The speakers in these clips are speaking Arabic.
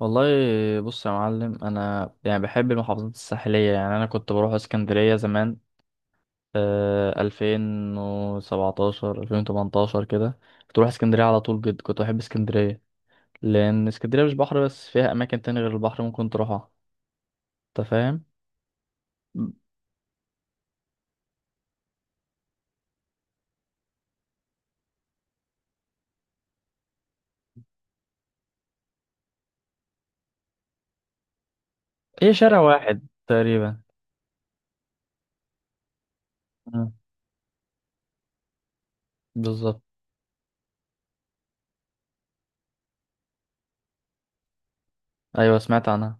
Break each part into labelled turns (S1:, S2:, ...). S1: والله، بص يا معلم، انا يعني بحب المحافظات الساحليه. يعني انا كنت بروح اسكندريه زمان. 2017 2018 كده، كنت بروح اسكندريه على طول. جد كنت بحب اسكندريه، لان اسكندريه مش بحر بس، فيها اماكن تانية غير البحر ممكن تروحها. انت فاهم؟ هي شارع واحد تقريبا. مم. بالظبط. ايوه سمعت عنها.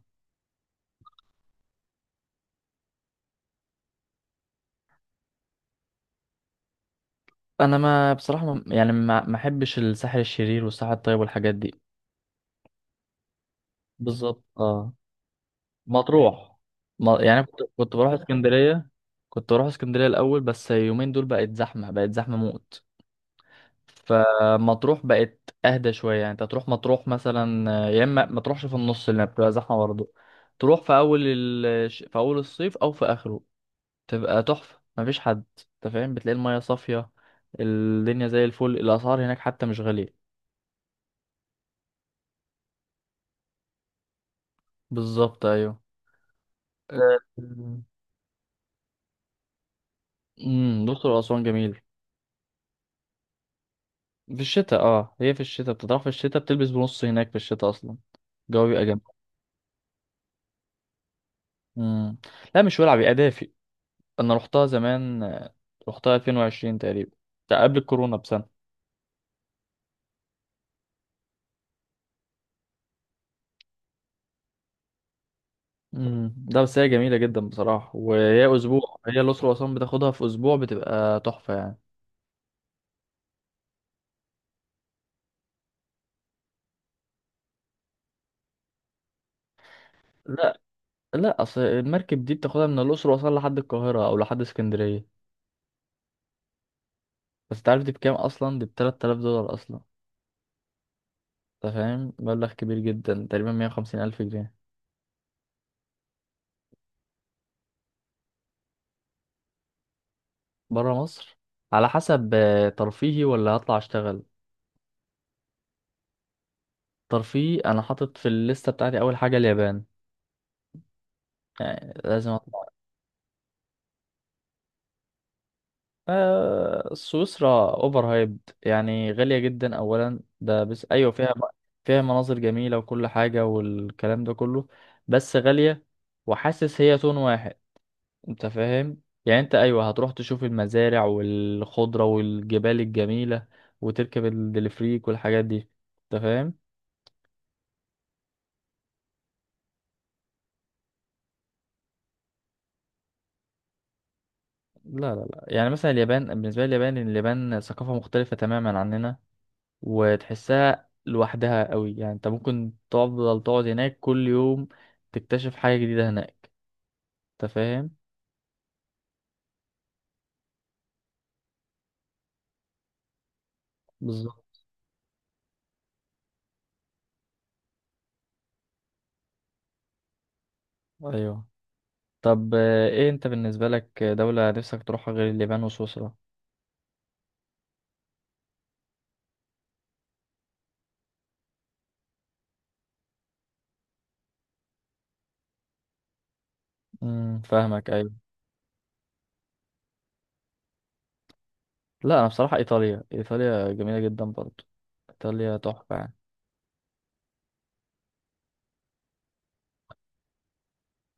S1: انا ما بصراحه، ما يعني ما ما احبش الساحل الشرير والساحل الطيب والحاجات دي. بالظبط، اه. مطروح، ما يعني أنا كنت بروح اسكندرية. كنت بروح اسكندرية الأول، بس يومين دول بقت زحمة موت. فمطروح بقت أهدى شوية. يعني أنت تروح مطروح مثلا، يا إما ما تروحش في النص اللي بتبقى زحمة برضه، تروح في أول الصيف أو في آخره. تبقى تحفة مفيش حد. أنت فاهم؟ بتلاقي المياه صافية، الدنيا زي الفل، الأسعار هناك حتى مش غالية. بالظبط، أيوه. أه، الأقصر وأسوان جميل في الشتاء. اه، هي في الشتاء بتطرح، في الشتاء بتلبس بنص هناك في الشتاء اصلا. الجو بيبقى جامد. مم. لا مش ولع، بيبقى دافي. انا رحتها زمان، رحتها 2020 تقريبا. ده قبل الكورونا بسنة. مم. ده بس هي جميلة جدا بصراحة، وهي اسبوع. هي الأقصر وأسوان بتاخدها في اسبوع، بتبقى تحفة يعني. لا لا اصل المركب دي بتاخدها من الأقصر وأسوان لحد القاهرة او لحد اسكندرية. بس تعرف دي بكام اصلا؟ دي ب 3000 دولار اصلا. انت فاهم؟ مبلغ كبير جدا، تقريبا 150 الف جنيه. برا مصر، على حسب، ترفيهي ولا هطلع اشتغل؟ ترفيهي انا حاطط في الليسته بتاعتي اول حاجه اليابان، يعني لازم اطلع. آه سويسرا اوفر هايبد، يعني غاليه جدا اولا ده، بس ايوه فيها، فيها مناظر جميله وكل حاجه والكلام ده كله، بس غاليه. وحاسس هي تون واحد. انت فاهم؟ يعني انت ايوه هتروح تشوف المزارع والخضره والجبال الجميله، وتركب الدليفريك والحاجات دي. انت فاهم؟ لا يعني مثلا اليابان، بالنسبة لي اليابان ثقافة مختلفة تماما عننا. وتحسها لوحدها قوي. يعني انت ممكن تفضل تقعد هناك كل يوم، تكتشف حاجة جديدة هناك. انت فاهم؟ بالظبط، ايوه. طب ايه انت بالنسبة لك دولة نفسك تروحها غير اليابان وسويسرا؟ امم، فاهمك ايوه. لا انا بصراحة ايطاليا جميلة جدا برضو. ايطاليا تحفة يعني.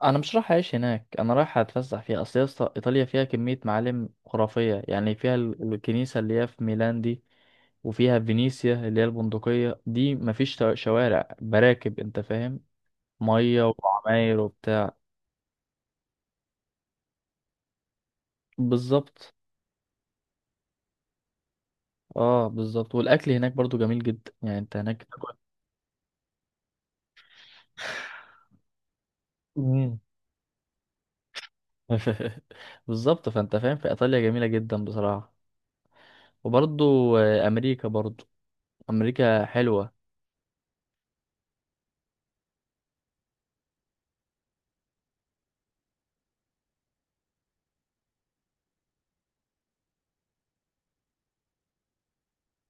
S1: انا مش رايح اعيش هناك، انا رايح اتفسح فيها. اصل يا اسطى، ايطاليا فيها كميه معالم خرافيه، يعني فيها الكنيسه اللي هي في ميلان دي، وفيها فينيسيا اللي هي البندقيه دي. مفيش شوارع، براكب. انت فاهم؟ ميه وعماير وبتاع. بالظبط، اه. بالظبط، والاكل هناك برضو جميل جدا يعني. انت هناك تاكل. مم. بالظبط. فانت فاهم؟ في ايطاليا جميله جدا بصراحه. وبرضو امريكا برضو. امريكا حلوه.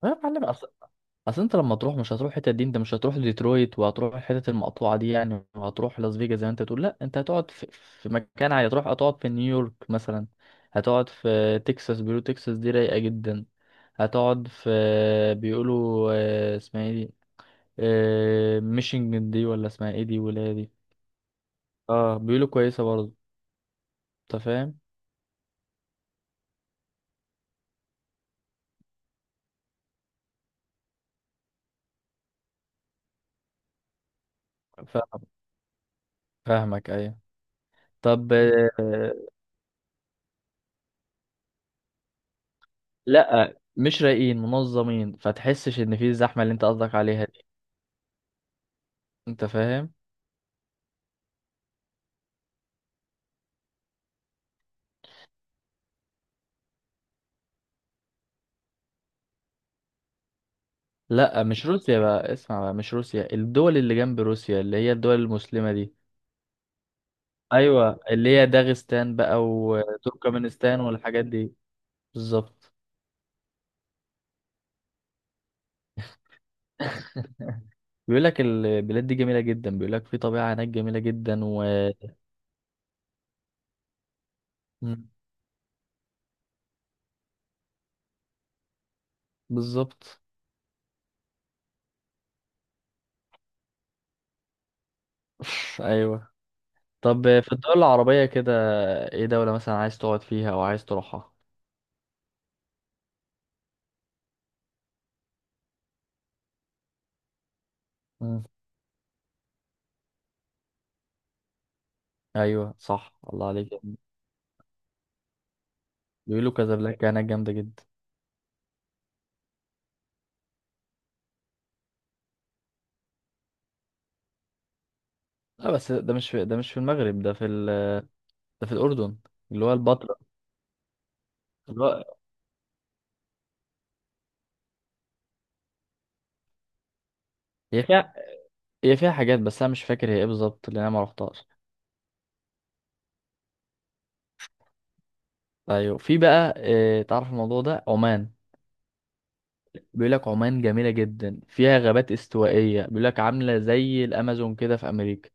S1: يا معلم، اصل انت لما تروح مش هتروح الحتت دي. انت مش هتروح ديترويت وهتروح الحتت المقطوعه دي يعني، وهتروح لاس فيجاس زي ما انت تقول، لا. انت هتقعد في، في مكان عادي، هتروح هتقعد في نيويورك مثلا. هتقعد في تكساس، بيقولوا تكساس دي رايقه جدا. هتقعد في، بيقولوا اسمها ايه دي، ميشيغان دي ولا اسمها ايه دي ولا إيه دي. اه بيقولوا كويسه برضه. انت فاهم؟ فاهم- فاهمك ايوه. طب لا مش رايقين، منظمين. فتحسش ان في الزحمه اللي انت قصدك عليها دي. انت فاهم؟ لا مش روسيا بقى، اسمع بقى، مش روسيا. الدول اللي جنب روسيا اللي هي الدول المسلمة دي. ايوه اللي هي داغستان بقى وتركمانستان والحاجات دي. بالظبط. بيقول لك البلاد دي جميلة جدا، بيقول لك في طبيعة هناك جميلة جدا و... مم. بالظبط. ايوه. طب في الدول العربية كده، ايه دولة مثلا عايز تقعد فيها او عايز تروحها؟ مم. ايوه صح، الله عليك. بيقولوا كازابلانكا هناك جامدة جدا. لا بس ده مش في، ده مش في المغرب، ده في ال... ده في الأردن. اللي هو البتراء. اللي هو، هي فيها، هي فيها حاجات بس أنا مش فاكر هي إيه بالظبط لأن أنا معرفتهاش. أيوة في بقى، إيه تعرف الموضوع ده؟ عمان. بيقول لك عمان جميلة جدا، فيها غابات استوائية، بيقول لك عاملة زي الأمازون كده في أمريكا.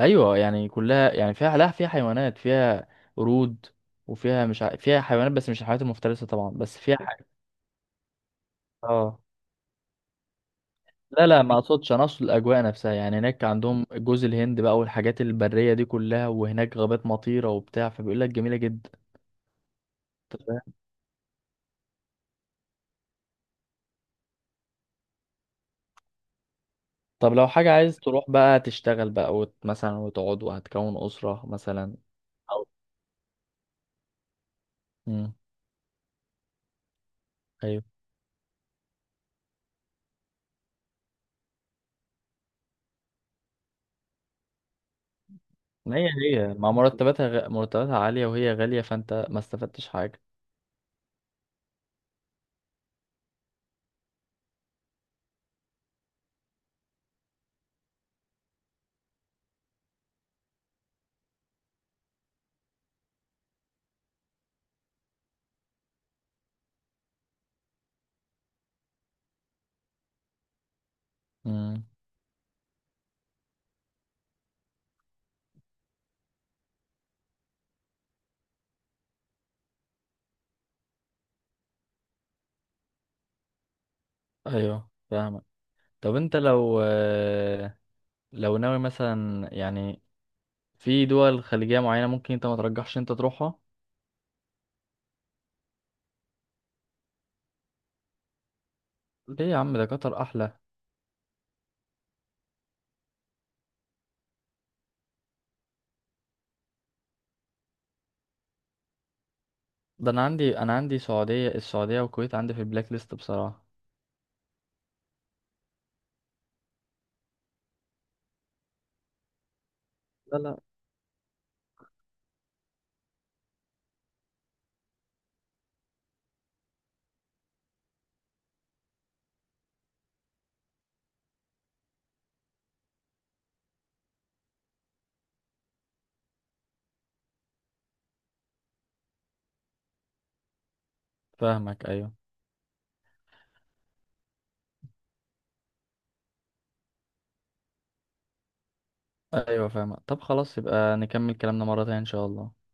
S1: أيوة يعني كلها، يعني فيها، لا فيها حيوانات، فيها قرود، وفيها مش فيها حيوانات بس مش الحيوانات المفترسة طبعا، بس فيها حاجة. اه لا ما اقصدش، انا اقصد الاجواء نفسها. يعني هناك عندهم جوز الهند بقى والحاجات البريه دي كلها، وهناك غابات مطيره وبتاع، فبيقول لك جميله جدا. أنت فاهم؟ طب لو حاجه عايز تروح بقى تشتغل بقى وت... مثلا وتقعد وهتكون اسره مثلا. أو- امم، ايوه. ما هي هي مع مرتباتها مرتباتها عاليه، وهي غاليه، فانت ما استفدتش حاجه. امم، ايوه فاهمك. طب انت لو لو ناوي مثلا يعني، في دول خليجيه معينه ممكن انت ما ترجحش انت تروحها؟ ليه يا عم، ده قطر احلى. ده انا عندي، انا عندي سعودية، السعودية والكويت عندي في البلاك ليست بصراحة. لا فاهمك ايوه. ايوه فاهمك. طب خلاص يبقى نكمل كلامنا مرة تانية ان شاء الله.